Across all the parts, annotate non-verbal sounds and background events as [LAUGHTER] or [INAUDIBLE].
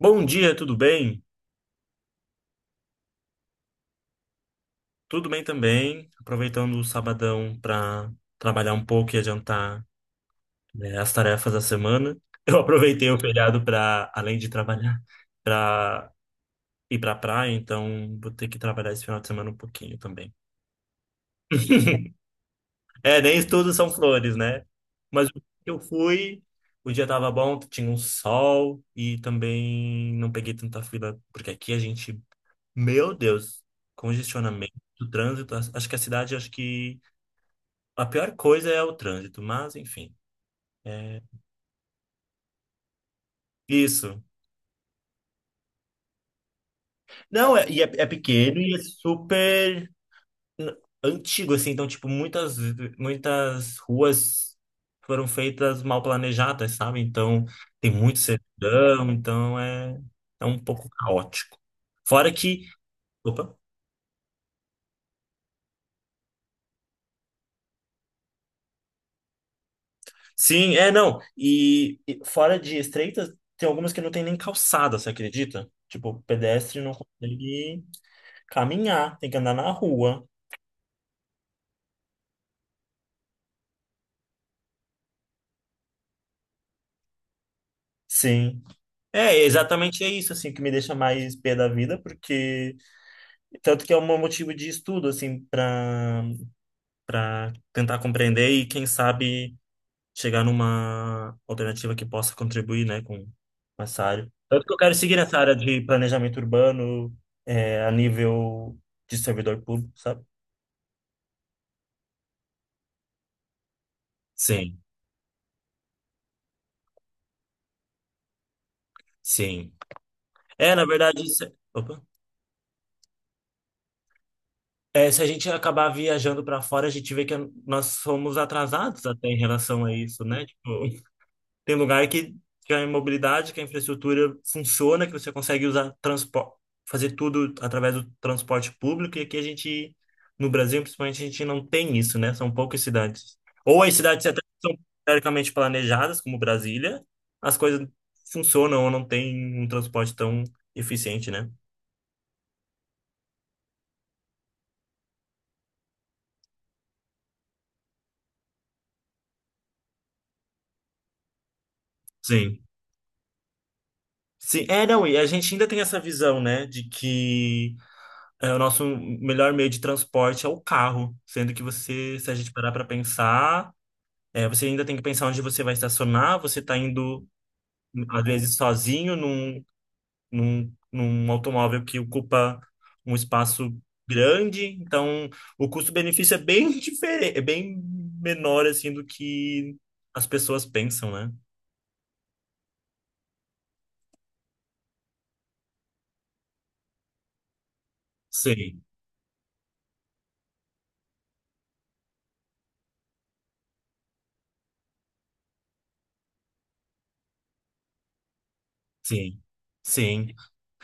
Bom dia, tudo bem? Tudo bem também. Aproveitando o sabadão para trabalhar um pouco e adiantar, né, as tarefas da semana. [LAUGHS] Eu aproveitei o feriado para, além de trabalhar, [LAUGHS] para ir para praia, então vou ter que trabalhar esse final de semana um pouquinho também. [LAUGHS] É, nem tudo são flores, né? Mas eu fui, o dia tava bom, tinha um sol e também não peguei tanta fila, porque aqui a gente, meu Deus, congestionamento, trânsito, acho que a pior coisa é o trânsito, mas enfim. É isso. Não, é pequeno e é super n- antigo, assim. Então, tipo, muitas ruas foram feitas mal planejadas, sabe? Então, tem muito cercadão, então é um pouco caótico. Fora que. Opa. Sim, é, não. E fora de estreitas, tem algumas que não tem nem calçada, você acredita? Tipo, o pedestre não consegue caminhar, tem que andar na rua. Sim. É, exatamente é isso, assim, que me deixa mais pé da vida, porque tanto que é um motivo de estudo, assim, para tentar compreender e, quem sabe, chegar numa alternativa que possa contribuir, né, com essa área. Tanto que eu quero seguir nessa área de planejamento urbano, é, a nível de servidor público, sabe? Sim, sim. É, na verdade, isso é- Opa. É, se a gente acabar viajando para fora, a gente vê que nós somos atrasados até em relação a isso, né? Tipo, tem lugar que a mobilidade, que a infraestrutura funciona, que você consegue usar transporte, fazer tudo através do transporte público, e aqui a gente, no Brasil, principalmente, a gente não tem isso, né? São poucas cidades. Ou as cidades até que são teoricamente planejadas, como Brasília, as coisas funcionam ou não tem um transporte tão eficiente, né? Sim. Sim, é, não, e a gente ainda tem essa visão, né, de que é, o nosso melhor meio de transporte é o carro, sendo que você, se a gente parar para pensar, é, você ainda tem que pensar onde você vai estacionar, você está indo, às vezes, sozinho num, num automóvel que ocupa um espaço grande, então o custo-benefício é bem [LAUGHS] diferente, é bem menor, assim, do que as pessoas pensam, né? Sim, sim, sim.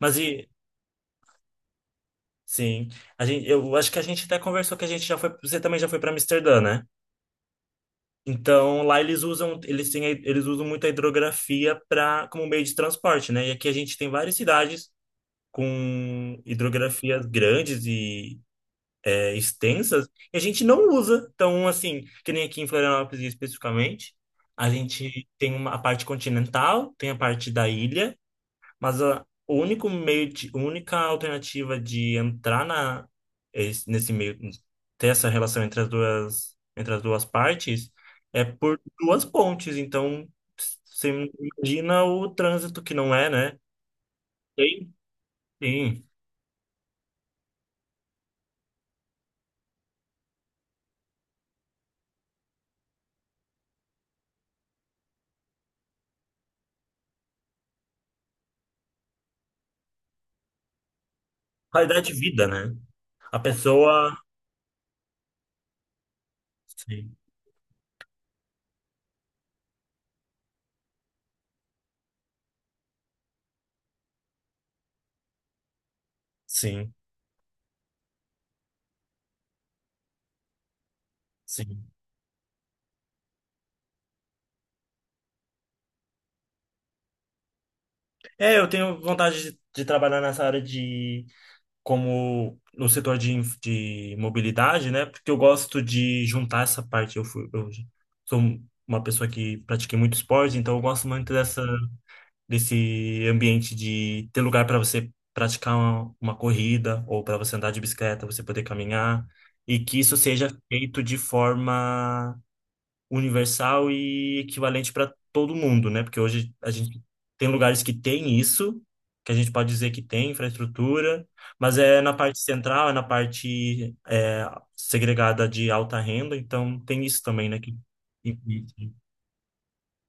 Mas e, sim, a gente, eu acho que a gente até conversou que a gente já foi, você também já foi para Amsterdã, né? Então, lá eles usam, eles têm, eles usam muito a hidrografia para como meio de transporte, né? E aqui a gente tem várias cidades com hidrografias grandes e é, extensas, e a gente não usa. Então, assim, que nem aqui em Florianópolis especificamente, a gente tem uma, a parte continental, tem a parte da ilha, mas a, o único meio de, a única alternativa de entrar na, nesse meio, ter essa relação entre as duas partes, é por duas pontes. Então, você imagina o trânsito que não é, né? Sim, sim. Qualidade de vida, né? A pessoa. Sim, sim, sim. É, eu tenho vontade de trabalhar nessa área de como no setor de mobilidade, né? Porque eu gosto de juntar essa parte. Eu sou uma pessoa que pratiquei muito esporte, então eu gosto muito dessa, desse ambiente de ter lugar para você praticar uma corrida ou para você andar de bicicleta, você poder caminhar, e que isso seja feito de forma universal e equivalente para todo mundo, né? Porque hoje a gente tem lugares que tem isso, que a gente pode dizer que tem infraestrutura, mas é na parte central, é na parte é, segregada de alta renda, então tem isso também, né? E- e-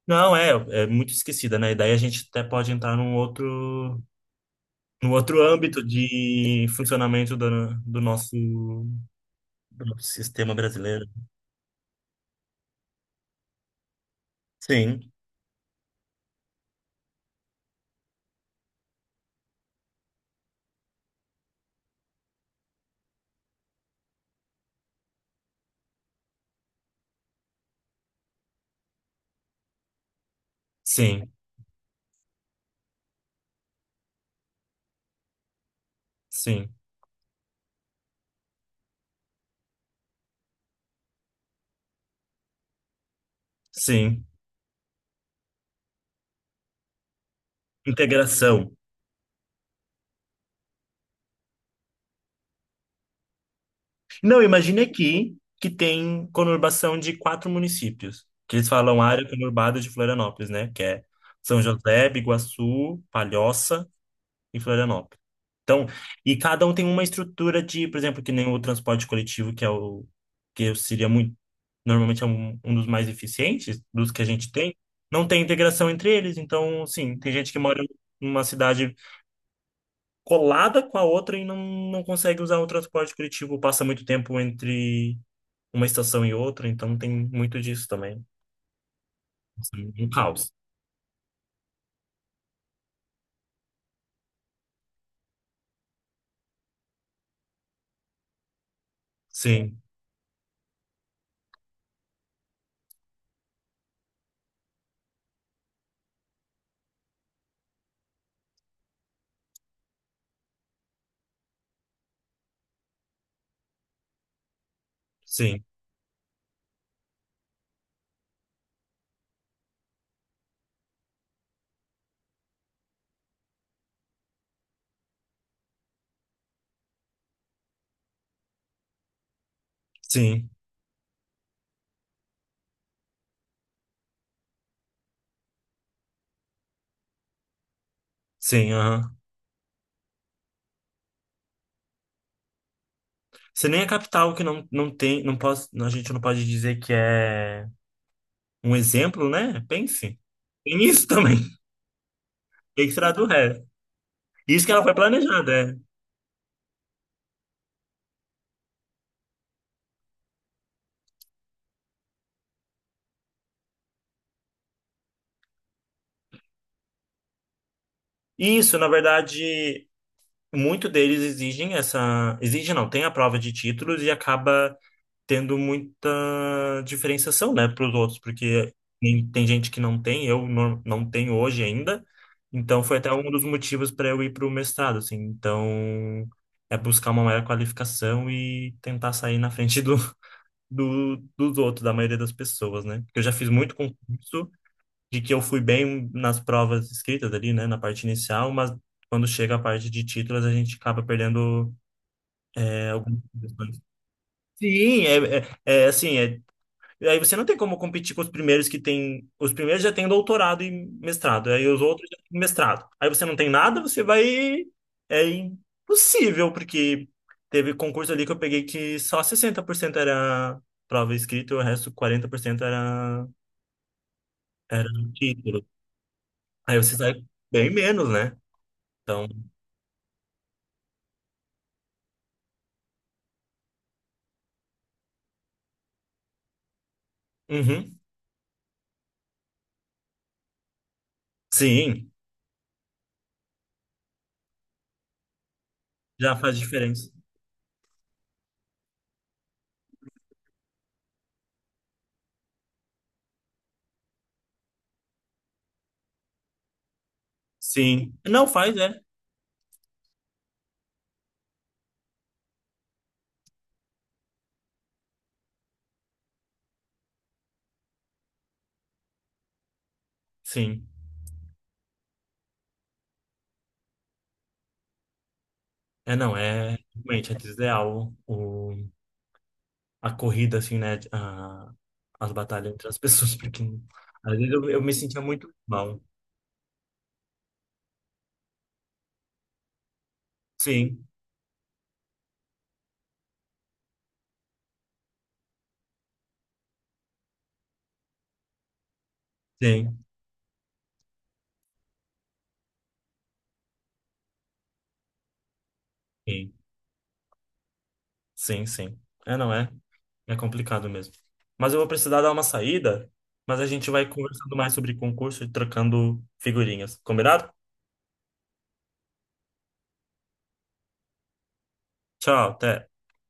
Não, é, é muito esquecida, né? E daí a gente até pode entrar num outro, âmbito de funcionamento do, do nosso sistema brasileiro. Sim, sim, sim, sim. Integração. Não, imagine aqui que tem conurbação de quatro municípios, que eles falam área conurbada de Florianópolis, né? Que é São José, Biguaçu, Palhoça e Florianópolis. Então, e cada um tem uma estrutura de, por exemplo, que nem o transporte coletivo, que é o que seria muito, normalmente é um, um dos mais eficientes dos que a gente tem, não tem integração entre eles. Então, sim, tem gente que mora numa cidade colada com a outra e não, não consegue usar o transporte coletivo, passa muito tempo entre uma estação e outra, então tem muito disso também. Um caos. Sim, sim, sim, sim, aham. Se nem a capital que não, não tem, não posso, a gente não pode dizer que é um exemplo, né? Pense. Tem isso também. [LAUGHS] Tem que tirar do resto. Isso que ela foi planejada, é. Isso, na verdade, muito deles exigem essa. Exigem não, tem a prova de títulos e acaba tendo muita diferenciação, né, para os outros, porque tem gente que não tem, eu não tenho hoje ainda. Então foi até um dos motivos para eu ir para o mestrado, assim. Então é buscar uma maior qualificação e tentar sair na frente do, [LAUGHS] dos outros, da maioria das pessoas, né? Porque eu já fiz muito concurso de que eu fui bem nas provas escritas ali, né, na parte inicial, mas quando chega a parte de títulos a gente acaba perdendo é, algumas questões. Sim, é assim. E aí você não tem como competir com os primeiros que têm. Os primeiros já têm doutorado e mestrado, aí os outros já têm mestrado. Aí você não tem nada, você vai. É impossível, porque teve concurso ali que eu peguei que só 60% era prova escrita e o resto 40% era, era título. Aí você sai bem menos, né? Então, uhum. Sim, já faz diferença. Sim. Não faz, é. Sim. É, não, é. Realmente, é desleal o. A corrida, assim, né? A, as batalhas entre as pessoas, [LAUGHS] porque às vezes eu me sentia muito mal. Sim, sim, sim, sim, sim. É, não é? É complicado mesmo. Mas eu vou precisar dar uma saída, mas a gente vai conversando mais sobre concurso e trocando figurinhas. Combinado? Tchau, até.